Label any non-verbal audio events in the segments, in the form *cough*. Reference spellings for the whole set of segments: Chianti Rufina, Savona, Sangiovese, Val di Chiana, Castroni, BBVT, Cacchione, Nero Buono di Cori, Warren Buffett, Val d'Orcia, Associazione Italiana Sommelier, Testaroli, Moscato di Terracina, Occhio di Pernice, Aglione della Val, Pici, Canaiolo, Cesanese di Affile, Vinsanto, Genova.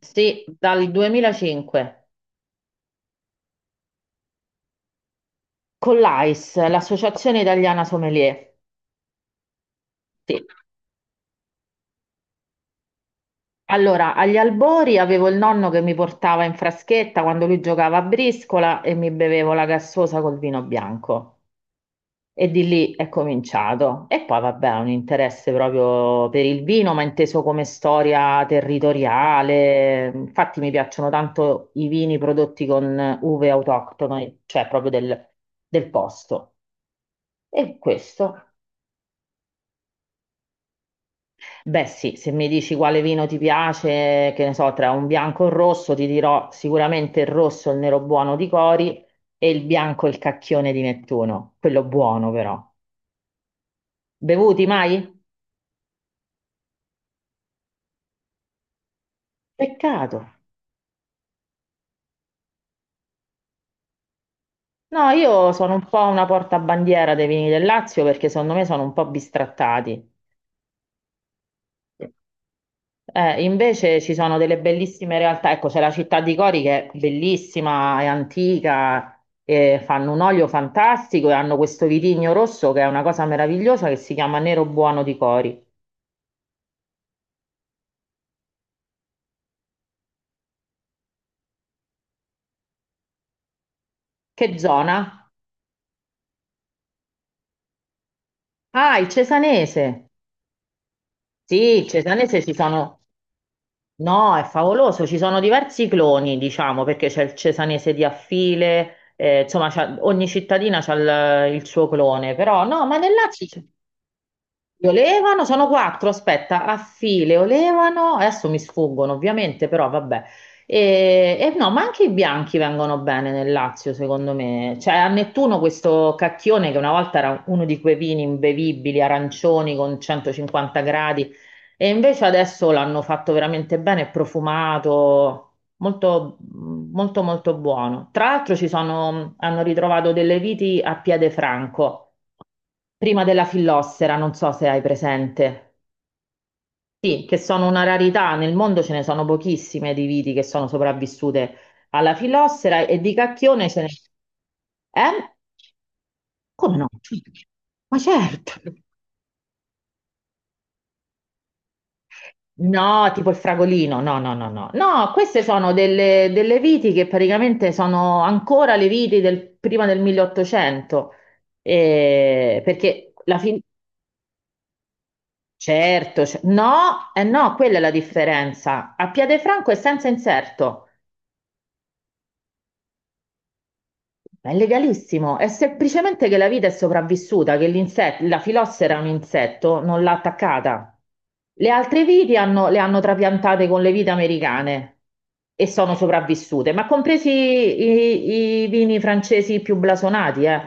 Sì, dal 2005 con l'AIS, l'Associazione Italiana Sommelier. Sì. Allora, agli albori avevo il nonno che mi portava in fraschetta quando lui giocava a briscola e mi bevevo la gassosa col vino bianco. E di lì è cominciato. E poi, vabbè, un interesse proprio per il vino, ma inteso come storia territoriale. Infatti, mi piacciono tanto i vini prodotti con uve autoctone, cioè proprio del posto. E questo. Beh, sì, se mi dici quale vino ti piace, che ne so, tra un bianco e un rosso, ti dirò sicuramente il rosso, il nero buono di Cori e il bianco, il cacchione di Nettuno, quello buono però. Bevuti mai? Peccato. No, io sono un po' una portabandiera dei vini del Lazio perché secondo me sono un po' bistrattati. Invece ci sono delle bellissime realtà, ecco c'è la città di Cori che è bellissima, è antica, e fanno un olio fantastico e hanno questo vitigno rosso che è una cosa meravigliosa che si chiama Nero Buono di Cori. Che zona? Ah, il Cesanese. Sì, il Cesanese ci sono... No, è favoloso, ci sono diversi cloni, diciamo, perché c'è il Cesanese di Affile, insomma ogni cittadina ha il suo clone, però no, ma nel Lazio... Li olevano, sono quattro, aspetta, a file olevano, adesso mi sfuggono ovviamente, però vabbè. E no, ma anche i bianchi vengono bene nel Lazio, secondo me. Cioè, a Nettuno questo cacchione che una volta era uno di quei vini imbevibili, arancioni con 150 gradi, e invece adesso l'hanno fatto veramente bene, è profumato, molto, molto, molto buono. Tra l'altro ci sono, hanno ritrovato delle viti a piede franco, prima della fillossera, non so se hai presente. Sì, che sono una rarità, nel mondo ce ne sono pochissime di viti che sono sopravvissute alla fillossera e di cacchione ce ne... Eh? Come no? Ma certo! No, tipo il fragolino, no, no, no, no. No, queste sono delle viti che praticamente sono ancora le viti del, prima del 1800. Perché la fin... Certo, no, eh no, quella è la differenza. A Piede franco è senza inserto. Ma è legalissimo, è semplicemente che la vita è sopravvissuta, che la filossera è un insetto, non l'ha attaccata. Le altre viti le hanno trapiantate con le vite americane e sono sopravvissute, ma compresi i vini francesi più blasonati, eh.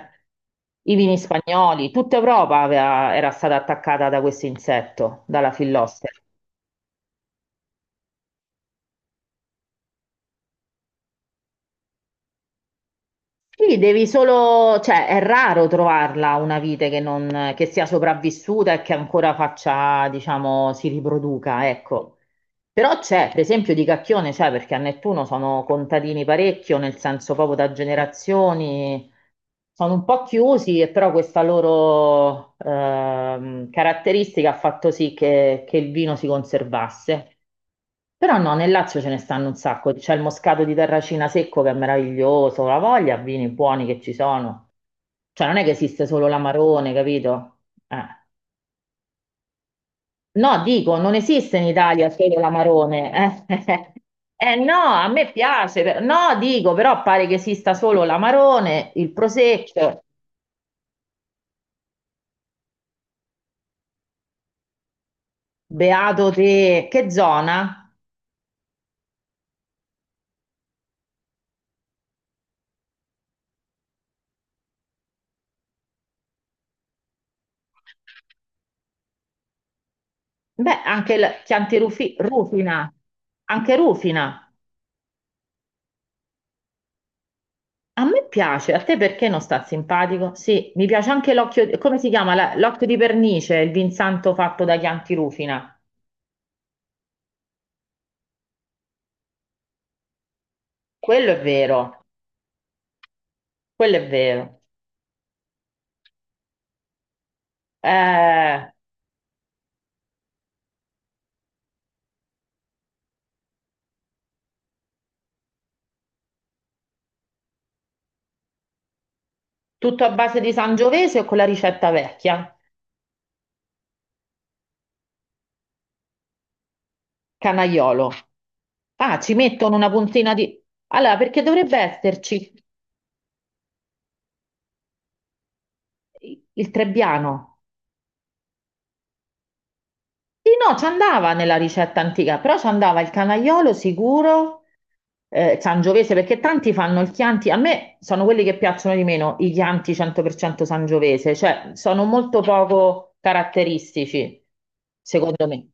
I vini spagnoli, tutta Europa era stata attaccata da questo insetto, dalla filossera. Sì, devi solo, cioè è raro trovarla una vite che, non, che sia sopravvissuta e che ancora faccia, diciamo, si riproduca, ecco. Però c'è, per esempio, di Cacchione c'è, perché a Nettuno sono contadini parecchio, nel senso proprio da generazioni, sono un po' chiusi, e però questa loro caratteristica ha fatto sì che il vino si conservasse. Però no, nel Lazio ce ne stanno un sacco. C'è il moscato di Terracina secco che è meraviglioso, la voglia, vini buoni che ci sono. Cioè non è che esiste solo l'amarone, capito? Eh. No, dico, non esiste in Italia solo l'amarone. *laughs* No, a me piace. No, dico, però pare che esista solo l'amarone, il prosecco. Beato te, che zona? Beh, anche il Chianti Rufina, anche Rufina. A me piace, a te perché non sta simpatico? Sì, mi piace anche l'occhio, come si chiama? L'occhio di pernice, il vinsanto fatto da Chianti Rufina. Quello è vero, quello è vero. Eh, Tutto a base di Sangiovese o con la ricetta vecchia? Canaiolo. Ah, ci mettono una puntina di... Allora, perché dovrebbe esserci il Trebbiano? Sì, no, ci andava nella ricetta antica, però ci andava il canaiolo sicuro, sangiovese, perché tanti fanno il Chianti, a me sono quelli che piacciono di meno, i Chianti 100% sangiovese, cioè sono molto poco caratteristici, secondo me.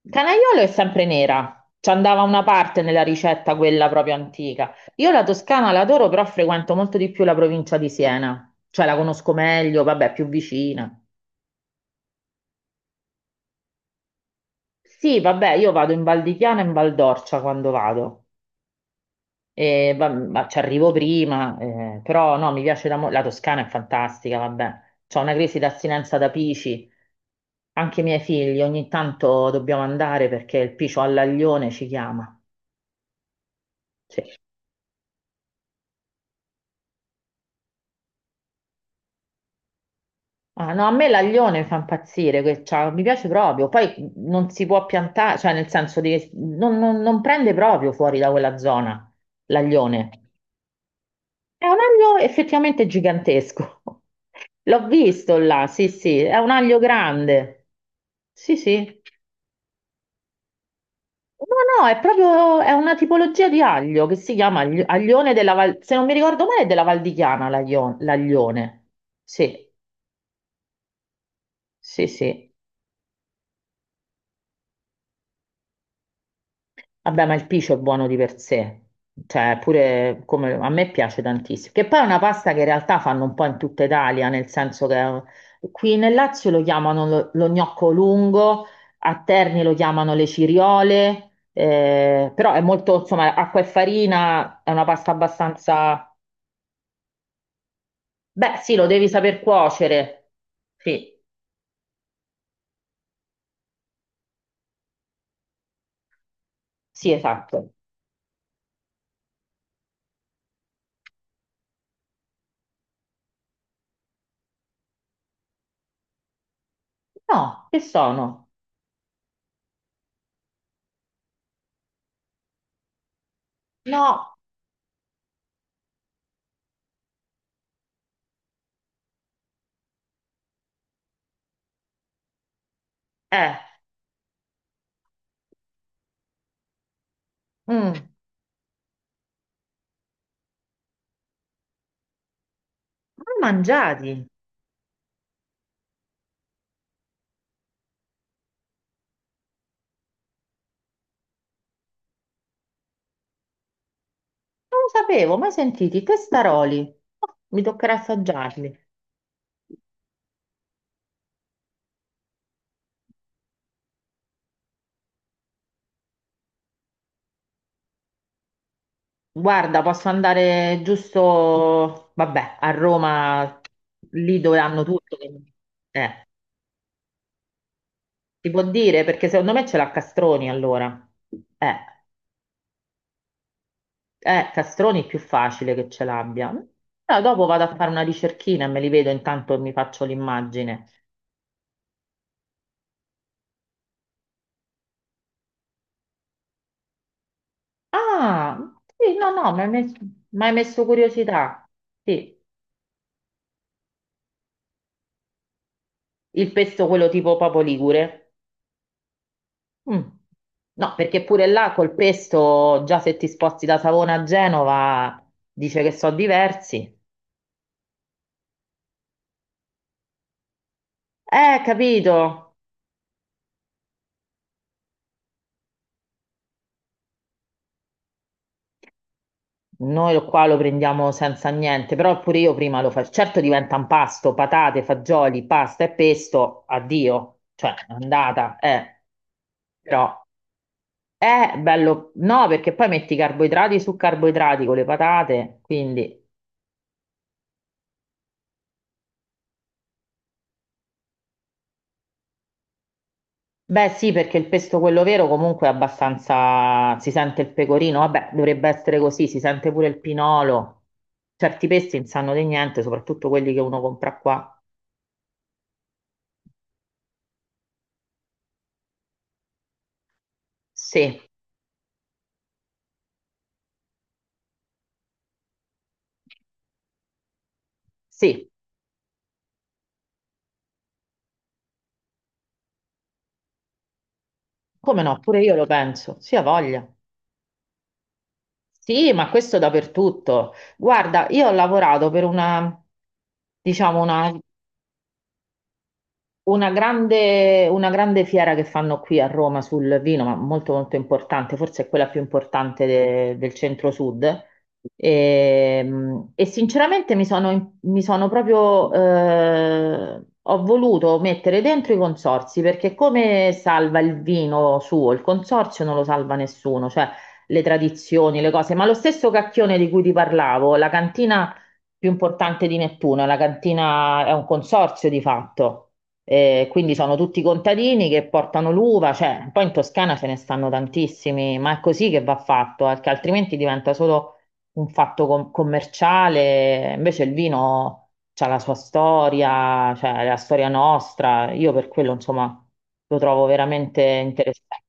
Il Canaiolo è sempre nera, ci andava una parte nella ricetta quella proprio antica. Io la Toscana l'adoro, però frequento molto di più la provincia di Siena, cioè la conosco meglio, vabbè, più vicina. Sì, vabbè, io vado in Val di Chiana e in Val d'Orcia quando vado. E ma ci arrivo prima, però no, mi piace. La Toscana è fantastica, vabbè, c'ho una crisi d'astinenza da Pici, anche i miei figli ogni tanto dobbiamo andare perché il Picio all'aglione ci chiama. Sì. Ah, no, a me l'aglione mi fa impazzire, cioè, mi piace proprio, poi non si può piantare, cioè nel senso di, non prende proprio fuori da quella zona l'aglione. È un aglio effettivamente gigantesco. *laughs* L'ho visto là, sì, sì, è un aglio grande. Sì, sì. No, no, è proprio è una tipologia di aglio che si chiama aglione della Val, se non mi ricordo male, è della Val di Chiana l'aglione. Sì, sì, sì. Vabbè, ma il piscio è buono di per sé, cioè pure come a me piace tantissimo, che poi è una pasta che in realtà fanno un po' in tutta Italia, nel senso che qui nel Lazio lo chiamano lo gnocco lungo, a Terni lo chiamano le ciriole, però è molto, insomma, acqua e farina, è una pasta abbastanza... Beh, sì, lo devi saper cuocere. Sì, sì, esatto. No, che sono? No, eh, mm, ma mangiati. Non lo sapevo, mai sentiti, testaroli. Oh, mi toccherà assaggiarli. Guarda, posso andare giusto, vabbè, a Roma, lì dove hanno tutto. Eh, si può dire, perché secondo me ce l'ha Castroni allora. Eh, Castroni è più facile che ce l'abbia. Però dopo vado a fare una ricerchina e me li vedo, intanto mi faccio l'immagine. Ah, sì, no, no, mi hai messo curiosità. Sì, il pesto quello tipo Papo Ligure. Mm. No, perché pure là col pesto, già se ti sposti da Savona a Genova, dice che sono diversi. Capito. Noi qua lo prendiamo senza niente, però pure io prima lo faccio. Certo diventa un pasto, patate, fagioli, pasta e pesto, addio. Cioè, è andata, eh. Però è bello. No, perché poi metti carboidrati su carboidrati con le patate, quindi... Beh, sì, perché il pesto quello vero comunque è abbastanza si sente il pecorino, vabbè, dovrebbe essere così, si sente pure il pinolo. Certi pesti non sanno di niente, soprattutto quelli che uno compra qua. Sì, sì, come no, pure io lo penso, sì, ha voglia. Sì, ma questo dappertutto. Guarda, io ho lavorato per una, diciamo, una grande, una grande, fiera che fanno qui a Roma sul vino, ma molto molto importante, forse è quella più importante del centro-sud. E sinceramente mi sono proprio, ho voluto mettere dentro i consorzi perché come salva il vino suo? Il consorzio non lo salva nessuno, cioè le tradizioni, le cose, ma lo stesso cacchione di cui ti parlavo, la cantina più importante di Nettuno, la cantina è un consorzio di fatto. Quindi sono tutti contadini che portano l'uva, cioè, poi in Toscana ce ne stanno tantissimi, ma è così che va fatto, perché altrimenti diventa solo un fatto commerciale. Invece il vino c'ha la sua storia, cioè la storia nostra. Io per quello, insomma, lo trovo veramente interessante.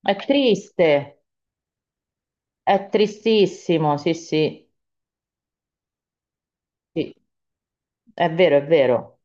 È triste, è tristissimo, sì, sì, sì, è vero, è vero.